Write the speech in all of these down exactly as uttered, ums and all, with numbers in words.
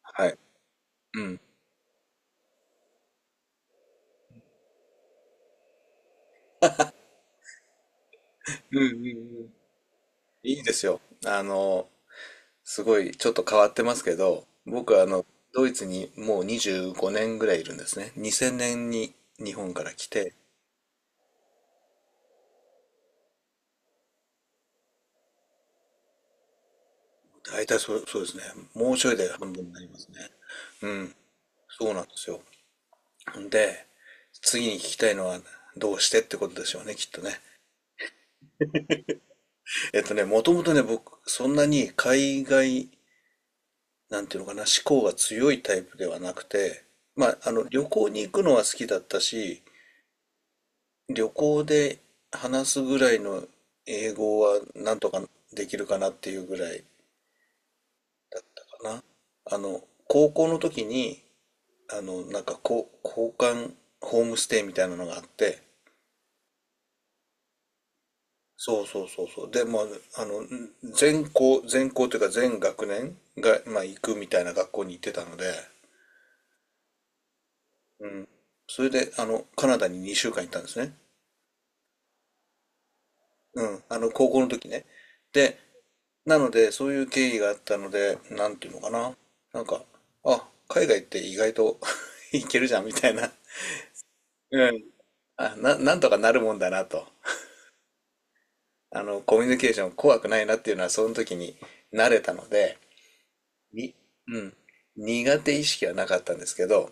はい。うん。うんうんうん。いいですよ。あの、すごいちょっと変わってますけど、僕はあの、ドイツにもうにじゅうごねんぐらいいるんですね。にせんねんに日本から来て、大体そう、そうですね。もうちょいで半分になりますね。うん。そうなんですよ。で、次に聞きたいのはどうしてってことでしょうね、きっとね。えっとね、もともとね、僕、そんなに海外なんていうのかな、思考が強いタイプではなくて、まあ、あの、旅行に行くのは好きだったし、旅行で話すぐらいの英語はなんとかできるかなっていうぐらいだったかな。あの、高校の時に、あの、なんかこう、交換ホームステイみたいなのがあって、そうそうそうそう。で、まあ、あの、全校、全校というか全学年が、まあ、行くみたいな学校に行ってたので、うん。それで、あの、カナダににしゅうかん行ったんですね。うん、あの、高校の時ね。で、なので、そういう経緯があったので、なんていうのかな。なんか、あ、海外って意外と いけるじゃん、みたいな。うん。あ、な、なんとかなるもんだなと。あの、コミュニケーション怖くないなっていうのは、その時に慣れたので、に、うん。苦手意識はなかったんですけど、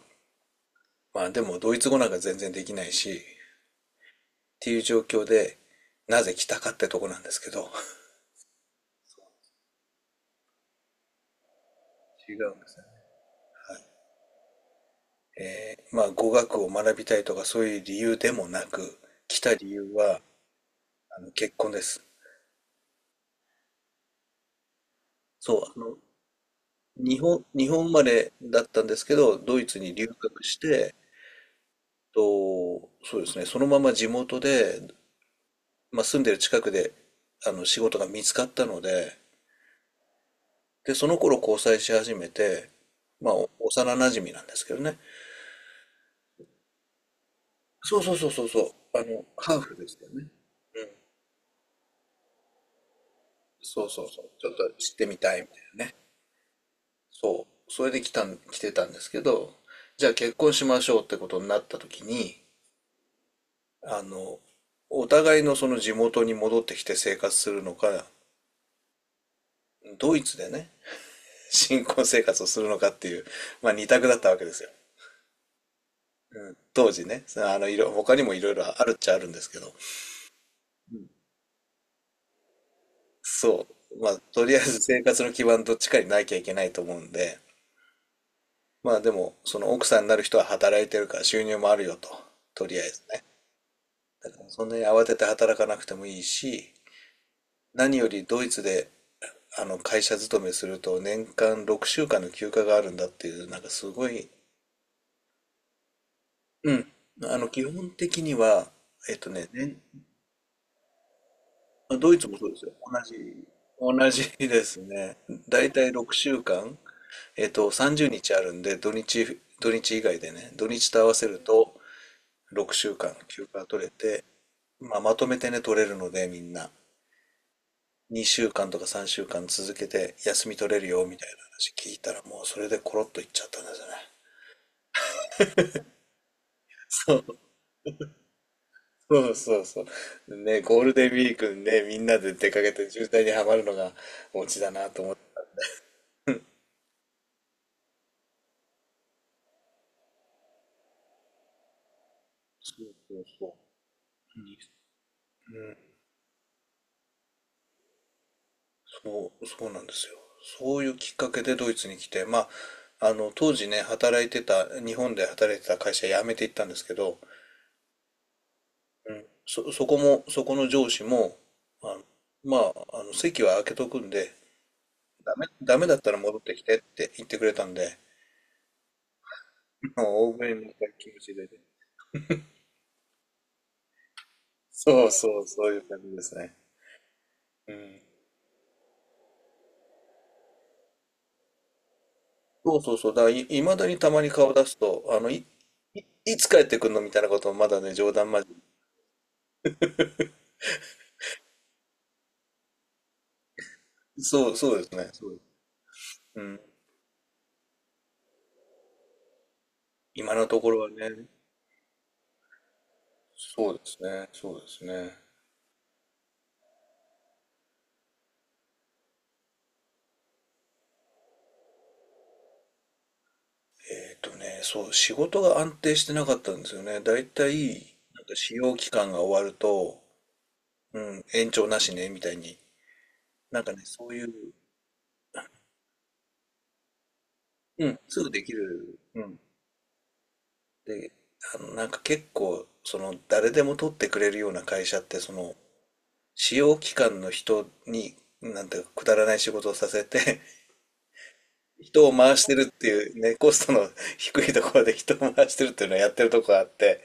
まあでも、ドイツ語なんか全然できないし、っていう状況で、なぜ来たかってとこなんですけど。違うんですね。えーまあ、語学を学びたいとかそういう理由でもなく、来た理由は、あの、結婚です。そう、あの、日本、日本生まれだったんですけど、ドイツに留学して、と、そうですね、そのまま地元で、まあ、住んでる近くで、あの、仕事が見つかったので、で、その頃交際し始めて、まあ、お幼馴染なんですけどね。そうそうそうそうそう、あの、ハーフですよね。うん、そうそうそう、ちょっと知ってみたいみたいなね。そう、それで来たん、来てたんですけど、じゃあ結婚しましょうってことになった時に、あの、お互いのその地元に戻ってきて生活するのか、ドイツでね、新婚生活をするのかっていう、まあ二択だったわけですよ。うん、当時ね、そのあの、いろ、他にもいろいろあるっちゃあるんですけど、そう、まあとりあえず生活の基盤どっちかになきゃいけないと思うんで、まあでも、その奥さんになる人は働いてるから収入もあるよと、とりあえずね。だからそんなに慌てて働かなくてもいいし、何よりドイツであの会社勤めすると年間ろくしゅうかんの休暇があるんだっていう、なんかすごい、うん、あの基本的には、えっとね、年ドイツもそうですよ。同じ、同じですね。だいたいろくしゅうかん、えっと、さんじゅうにちあるんで、土日、土日以外でね、土日と合わせるとろくしゅうかん休暇取れて、まあ、まとめてね、取れるので、みんな。にしゅうかんとかさんしゅうかん続けて休み取れるよみたいな話聞いたらもうそれでコロッといっちゃったんですよね。そうそうそうそう。ね、ゴールデンウィークにね、みんなで出かけて渋滞にはまるのがオチだなと思って。そうそうそう。にうん、そう、そうなんですよ。そういうきっかけでドイツに来て、まあ、あの、当時ね、働いてた、日本で働いてた会社辞めていったんですけど、うん、そ、そこも、そこの上司も、あの、まあ、あの、席は空けとくんで、ダメ、ダメだったら戻ってきてって言ってくれたんで、もう大食いな気持ちで。そうそう、そういう感じですね。うん。そうそうそう。だからい、いまだにたまに顔出すと、あの、い、い、いつ帰ってくんのみたいなことをまだね、冗談交じり。そう、そうですね。そうです。うん。今のところはね、そうですね。そうですね。えっとね、そう、仕事が安定してなかったんですよね。だいたい、なんか使用期間が終わると、うん、延長なしね、みたいに。なんかね、そういう、うん、すぐできる。うん。で、あの、なんか結構、その、誰でも取ってくれるような会社って、その、使用期間の人に、なんていうか、くだらない仕事をさせて、人を回してるっていう、ね、コストの 低いところで人を回してるっていうのをやってるとこがあって、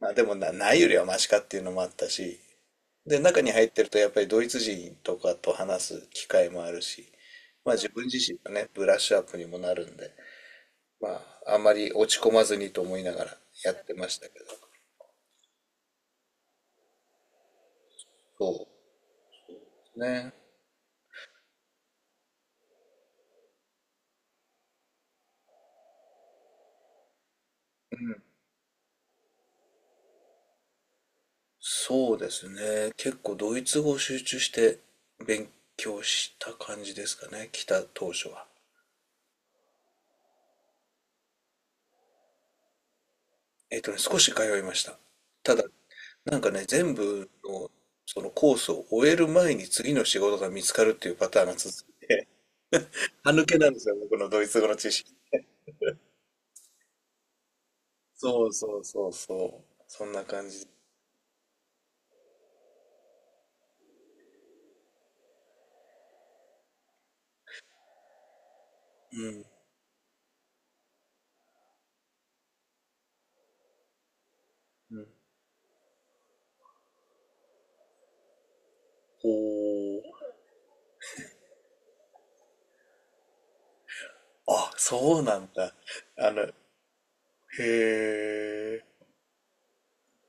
まあでもな、ないよりはマシかっていうのもあったし、で、中に入ってるとやっぱりドイツ人とかと話す機会もあるし、まあ自分自身のね、ブラッシュアップにもなるんで、まあ、あんまり落ち込まずにと思いながらやってましたけど。そうですね。うんそうですね。結構ドイツ語を集中して勉強した感じですかね。来た当初は。えっとね、少し通いました。ただ、なんかね、全部のそのコースを終える前に次の仕事が見つかるっていうパターンが続いて、歯抜けなんですよ、僕のドイツ語の知識。そうそうそうそう。そんな感じ。うん。うん。ほう。あ、そうなんだ。あの、へえ、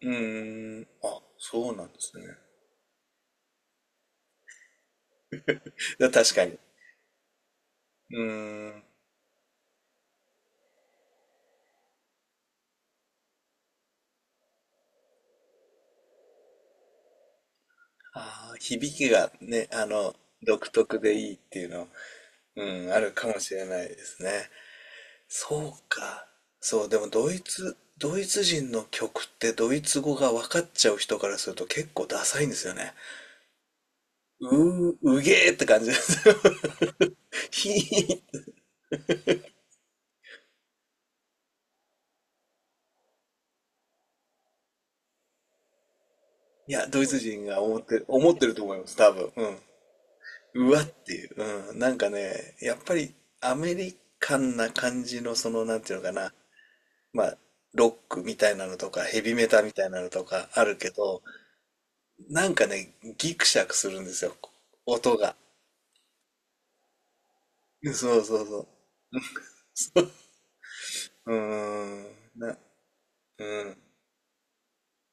うーん、あ、そうなんですね。だ確かに。うーん、あー、響きがね、あの、独特でいいっていうの、うん、あるかもしれないですね。そうか。そう、でもドイツ、ドイツ人の曲ってドイツ語が分かっちゃう人からすると結構ダサいんですよね。うー、うげーって感じですよ。ひー。いや、ドイツ人が思ってる、思ってると思います、多分。うん。うわっていう。うん。なんかね、やっぱりアメリカンな感じのその、なんていうのかな。まあ、ロックみたいなのとか、ヘビメタみたいなのとかあるけど、なんかね、ギクシャクするんですよ。音が。そうそうそう。うーん。な、うん。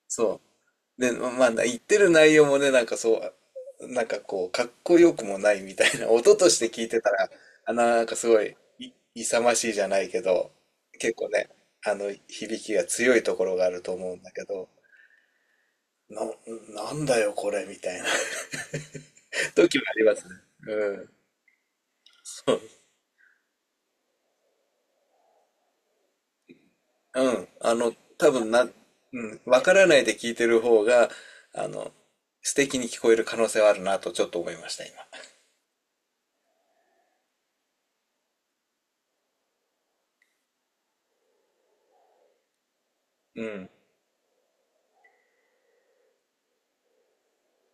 そう。で、まあ、言ってる内容もね、なんかそう、なんかこう、かっこよくもないみたいな、音として聞いてたら、あ、なんかすごい、い、勇ましいじゃないけど、結構ね、あの、響きが強いところがあると思うんだけど、な、なんだよこれ、みたいな 時もありますね。うん。そう。うん。あの、多分な、うん、わからないで聞いてる方が、あの、素敵に聞こえる可能性はあるなとちょっと思いました、今。うん。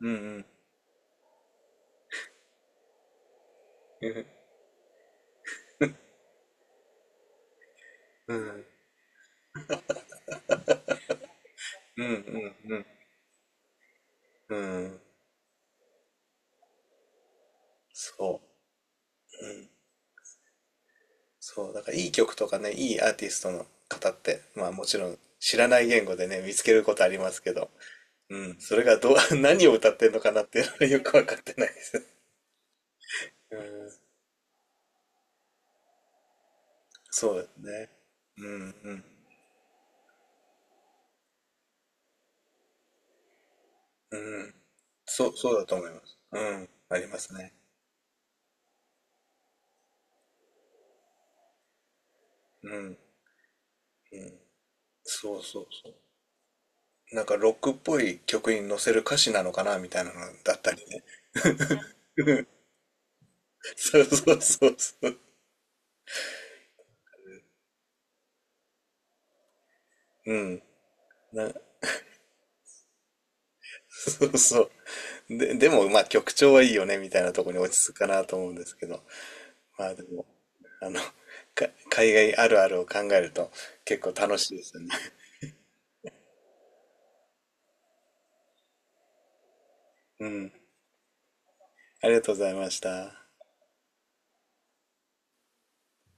うんうん。うん。うんうんうんうんうんそう、うん、そうだからいい曲とかねいいアーティストの方ってまあもちろん知らない言語でね見つけることありますけど、うん、それがどう 何を歌ってるのかなっていうのはよく分かってないです。うん、そうですね。うんうんうん、そうそうだと思います。うん、ありますね。うん、そうそうそう。なんかロックっぽい曲に載せる歌詞なのかなみたいなのだったりね。うんそうそうそうそう。うん。な、そうそう。で、でも、まあ、曲調はいいよね、みたいなところに落ち着くかなと思うんですけど、まあ、でも、あの、か、海外あるあるを考えると結構楽しいですよね。うん。ありがとうございました。